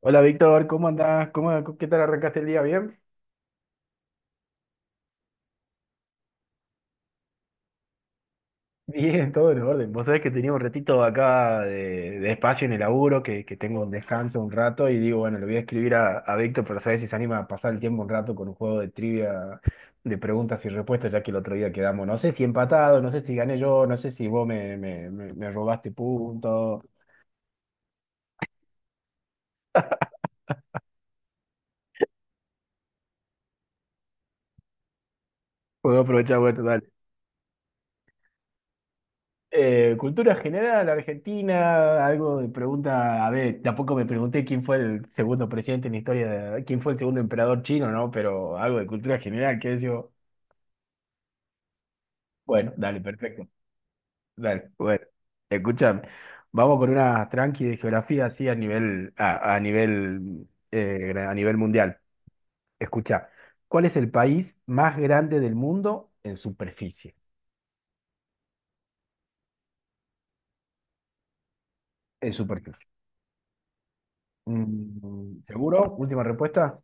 Hola Víctor, ¿cómo andás? ¿Cómo, qué tal arrancaste el día? ¿Bien? Bien, todo en orden. Vos sabés que tenía un ratito acá de espacio en el laburo, que tengo un descanso un rato y digo, bueno, le voy a escribir a Víctor para saber si se anima a pasar el tiempo un rato con un juego de trivia de preguntas y respuestas, ya que el otro día quedamos, no sé si empatado, no sé si gané yo, no sé si vos me robaste puntos. Puedo aprovechar, bueno, dale. Cultura general, Argentina, algo de pregunta, a ver, tampoco me pregunté quién fue el segundo presidente en la historia de, quién fue el segundo emperador chino, ¿no? Pero algo de cultura general, que yo, bueno, dale, perfecto, dale, bueno, escúchame, vamos con una tranqui de geografía así a nivel, a nivel, a nivel mundial. Escucha, ¿cuál es el país más grande del mundo en superficie? En superficie. Mm, ¿seguro? Última respuesta.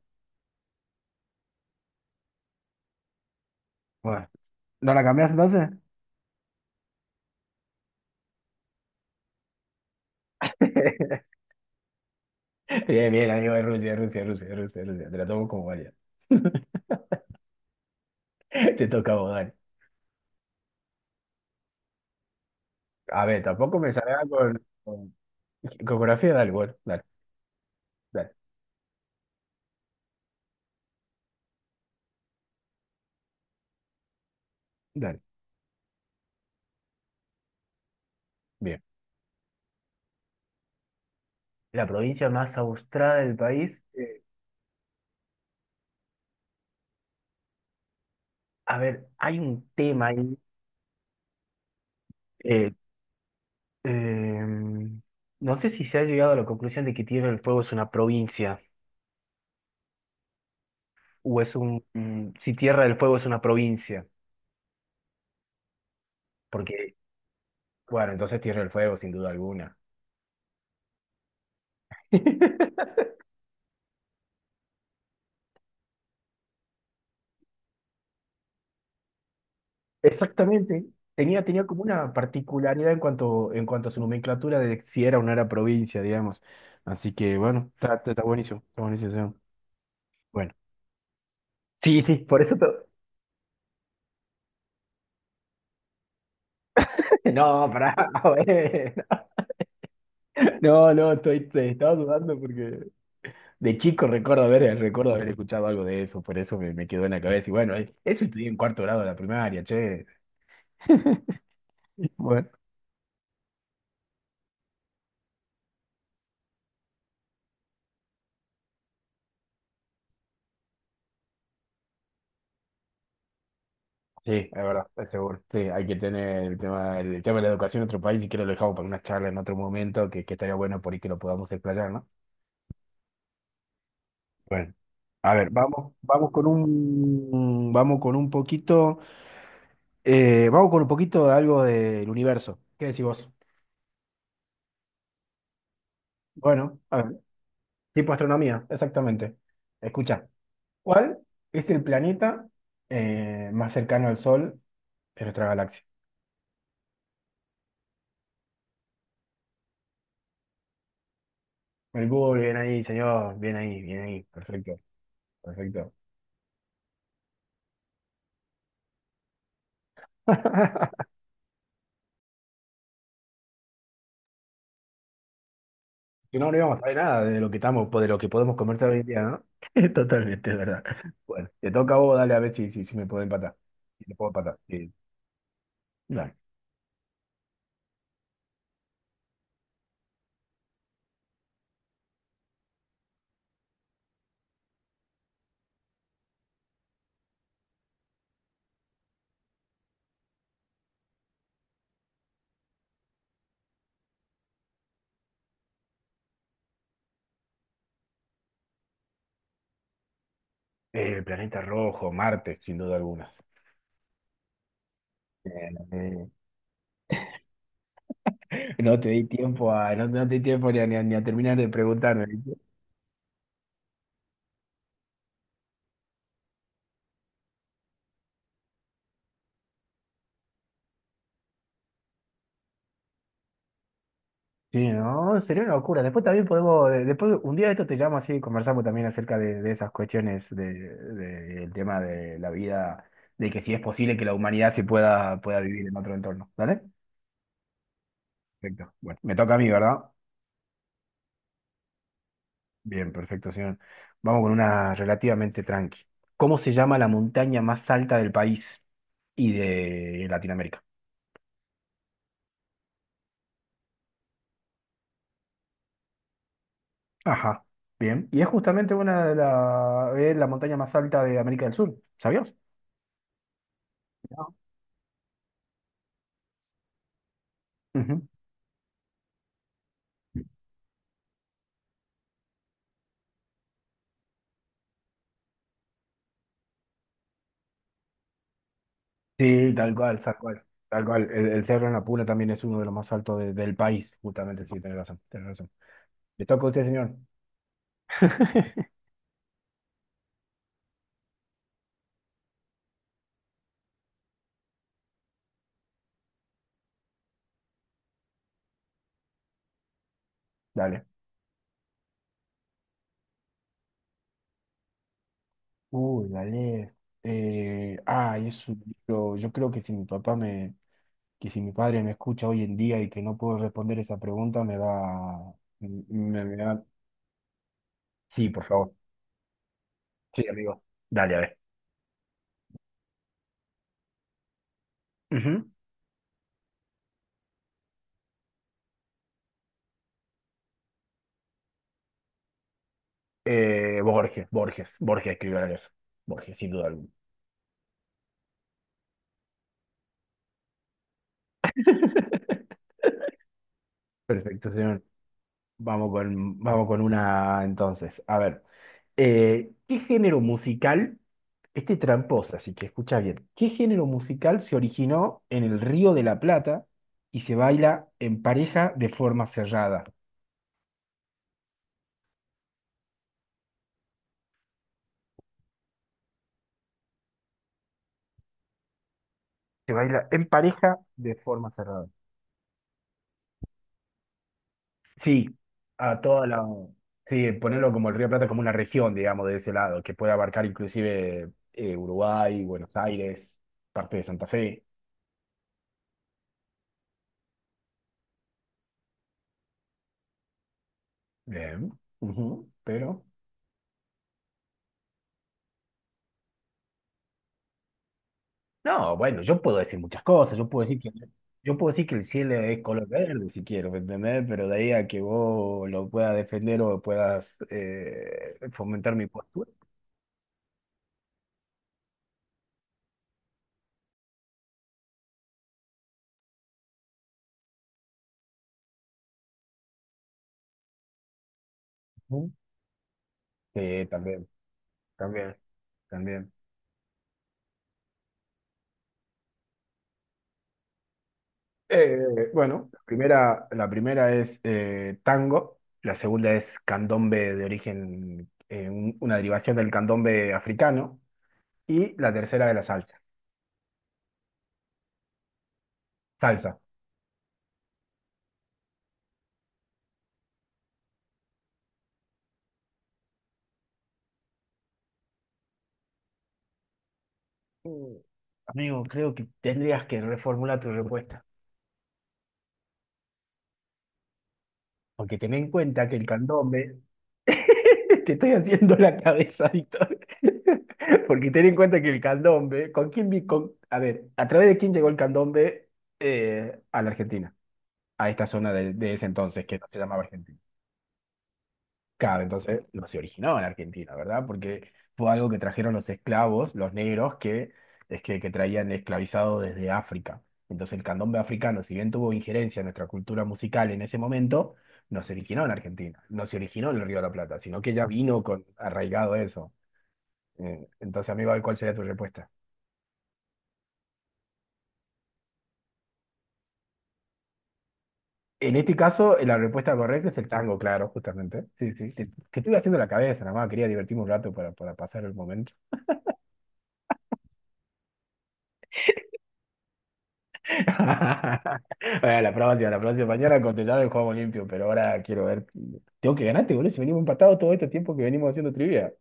Bueno, ¿no la cambiás entonces? Bien, bien, amigo de Rusia, Rusia, Rusia, Rusia, Rusia. Te la tomo como vaya. Te toca a vos, dale. A ver, tampoco me salga con geografía, dale, bueno, dale, dale, dale. Bien. La provincia más austrada del país. A ver, hay un tema ahí. eh, em, no sé si se ha llegado a la conclusión de que Tierra del Fuego es una provincia o es un... mm, si Tierra del Fuego es una provincia. Porque, Bueno, entonces Tierra del Fuego, sin duda alguna. Exactamente. Tenía como una particularidad en cuanto a su nomenclatura de si era o no era provincia, digamos. Así que bueno, está buenísimo, está buenísimo, sí. Bueno. Sí, sí, por eso te- No, pará, bueno. No, no, te estaba dudando porque de chico recuerdo haber escuchado algo de eso, por eso me quedó en la cabeza. Y bueno, eso estudié en cuarto grado de la primaria, che. Bueno. Sí, es verdad, es seguro. Sí, hay que tener el tema de la educación en otro país, y que lo dejamos para una charla en otro momento, que estaría bueno por ahí que lo podamos explayar, ¿no? Bueno, a ver, vamos con un poquito, vamos con un poquito de algo del universo. ¿Qué decís vos? Bueno, a ver, tipo astronomía, exactamente. Escucha, ¿cuál es el planeta más cercano al Sol de nuestra galaxia? Mercurio, bien ahí, señor, bien ahí, perfecto, perfecto. Si no, no íbamos a saber nada de lo que estamos, de lo que podemos conversar hoy en día, ¿no? Totalmente, es verdad. Bueno, te toca a vos, dale a ver si me puedo empatar. Si te puedo empatar. Sí. Dale. Planeta rojo, Marte, sin duda alguna. Eh, eh, no te di tiempo a, no, no te di tiempo ni a, ni a terminar de preguntarme. ¿Viste? Sí, no, sería una locura. Después también podemos, después un día de esto te llamo así y conversamos también acerca de esas cuestiones de, del tema de la vida, de que si es posible que la humanidad se pueda vivir en otro entorno. ¿Dale? Perfecto. Bueno, me toca a mí, ¿verdad? Bien, perfecto, señor. Vamos con una relativamente tranqui. ¿Cómo se llama la montaña más alta del país y de Latinoamérica? Ajá, bien. Y es justamente una de la es la montaña más alta de América del Sur, ¿sabías? No. Ujú. Sí, tal cual, tal cual. Tal cual. El Cerro en la Puna también es uno de los más altos del país, justamente, sí, tenés razón, tenés razón. Le toca a usted, señor. Dale. Uy, dale. Ay, es un libro. Yo creo que si mi papá me, que si mi padre me escucha hoy en día y que no puedo responder esa pregunta, me va. Sí, por favor. Sí, amigo. Dale, a ver. Ujú. Borges escribió la leer. Borges, sin duda alguna. Perfecto, señor. Vamos con una entonces. A ver, ¿qué género musical? Este es tramposa, así que escucha bien. ¿Qué género musical se originó en el Río de la Plata y se baila en pareja de forma cerrada? Se baila en pareja de forma cerrada. Sí, a toda la... Sí, ponerlo como el Río de la Plata como una región, digamos, de ese lado, que puede abarcar inclusive Uruguay, Buenos Aires, parte de Santa Fe. Bien. Ujú. Pero... No, bueno, yo puedo decir muchas cosas, yo puedo decir que el cielo es color verde si quiero, ¿me entendés? Pero de ahí a que vos lo puedas defender o puedas fomentar mi postura. ¿No? Sí, también, también, también. Bueno, la primera es tango, la segunda es candombe de origen, una derivación del candombe africano, y la tercera de la salsa. Salsa. Mm. Amigo, creo que tendrías que reformular tu respuesta. Porque ten en cuenta que el candombe, te estoy haciendo la cabeza, Víctor, porque ten en cuenta que el candombe, ¿con quién, vi- con- a ver, ¿a través de quién llegó el candombe a la Argentina, a esta zona de ese entonces que no se llamaba Argentina? Claro, entonces no se originó en Argentina, ¿verdad? Porque fue algo que trajeron los esclavos, los negros, que traían esclavizados desde África. Entonces el candombe africano, si bien tuvo injerencia en nuestra cultura musical en ese momento, no se originó en Argentina, no se originó en el Río de la Plata, sino que ya vino con arraigado eso. Entonces, amigo, ¿cuál sería tu respuesta? En este caso, la respuesta correcta es el tango, claro, justamente. Sí, sí, te estuve haciendo la cabeza, nada más, quería divertirme un rato para pasar el momento. Bueno, la próxima. Mañana contestado y jugamos limpio, pero ahora quiero ver. Tengo que ganarte, boludo. Si venimos empatados todo este tiempo que venimos haciendo trivia.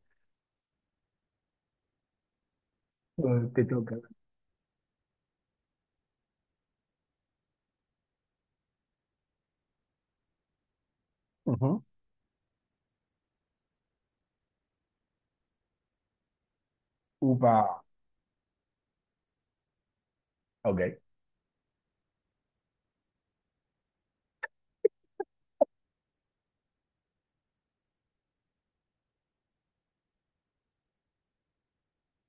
Mm. Te toca. Ujú. Upa. Ok.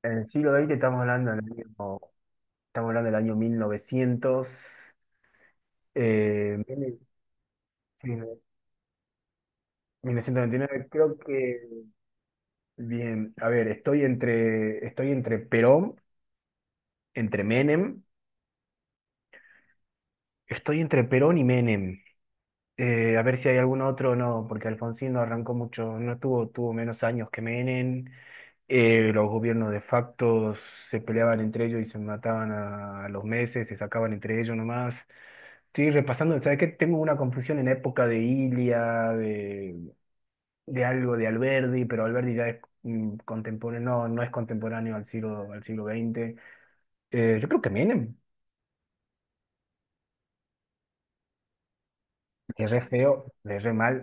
En el siglo XX estamos hablando del año, estamos hablando del año 1900, eh, sí, 1929, creo que, bien, a ver, estoy entre Perón, entre Menem, estoy entre Perón y Menem. A ver si hay algún otro, no, porque Alfonsín no arrancó mucho, no tuvo, tuvo menos años que Menem, los gobiernos de facto se peleaban entre ellos y se mataban a los meses, se sacaban entre ellos nomás. Estoy repasando, ¿sabes qué? Tengo una confusión en época de Ilia, de algo de Alberdi, pero Alberdi ya es mm, contemporáneo, no, no es contemporáneo al siglo XX. Yo creo que Menem, le re feo, le re mal.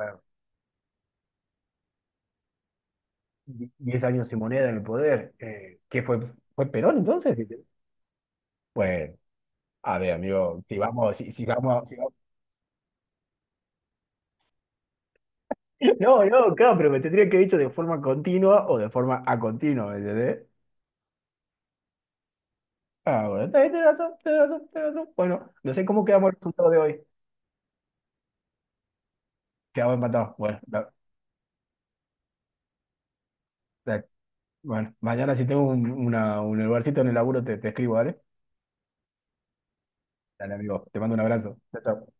eh, 10 años sin moneda en el poder. ¿Qué fue? ¿Fue Perón entonces? Pues a ver, amigo, si vamos- No, no, claro, pero me tendría que haber dicho de forma continua o de forma a continua, ¿me entendés? Ah, bueno, está bien, tenés razón, tenés razón, tenés razón. Bueno, no sé cómo quedamos el resultado de hoy. Quedamos empatados. Bueno, la- bueno, mañana si tengo un, un lugarcito en el laburo te escribo, ¿vale? Dale, amigo, te mando un abrazo. Chao, chao.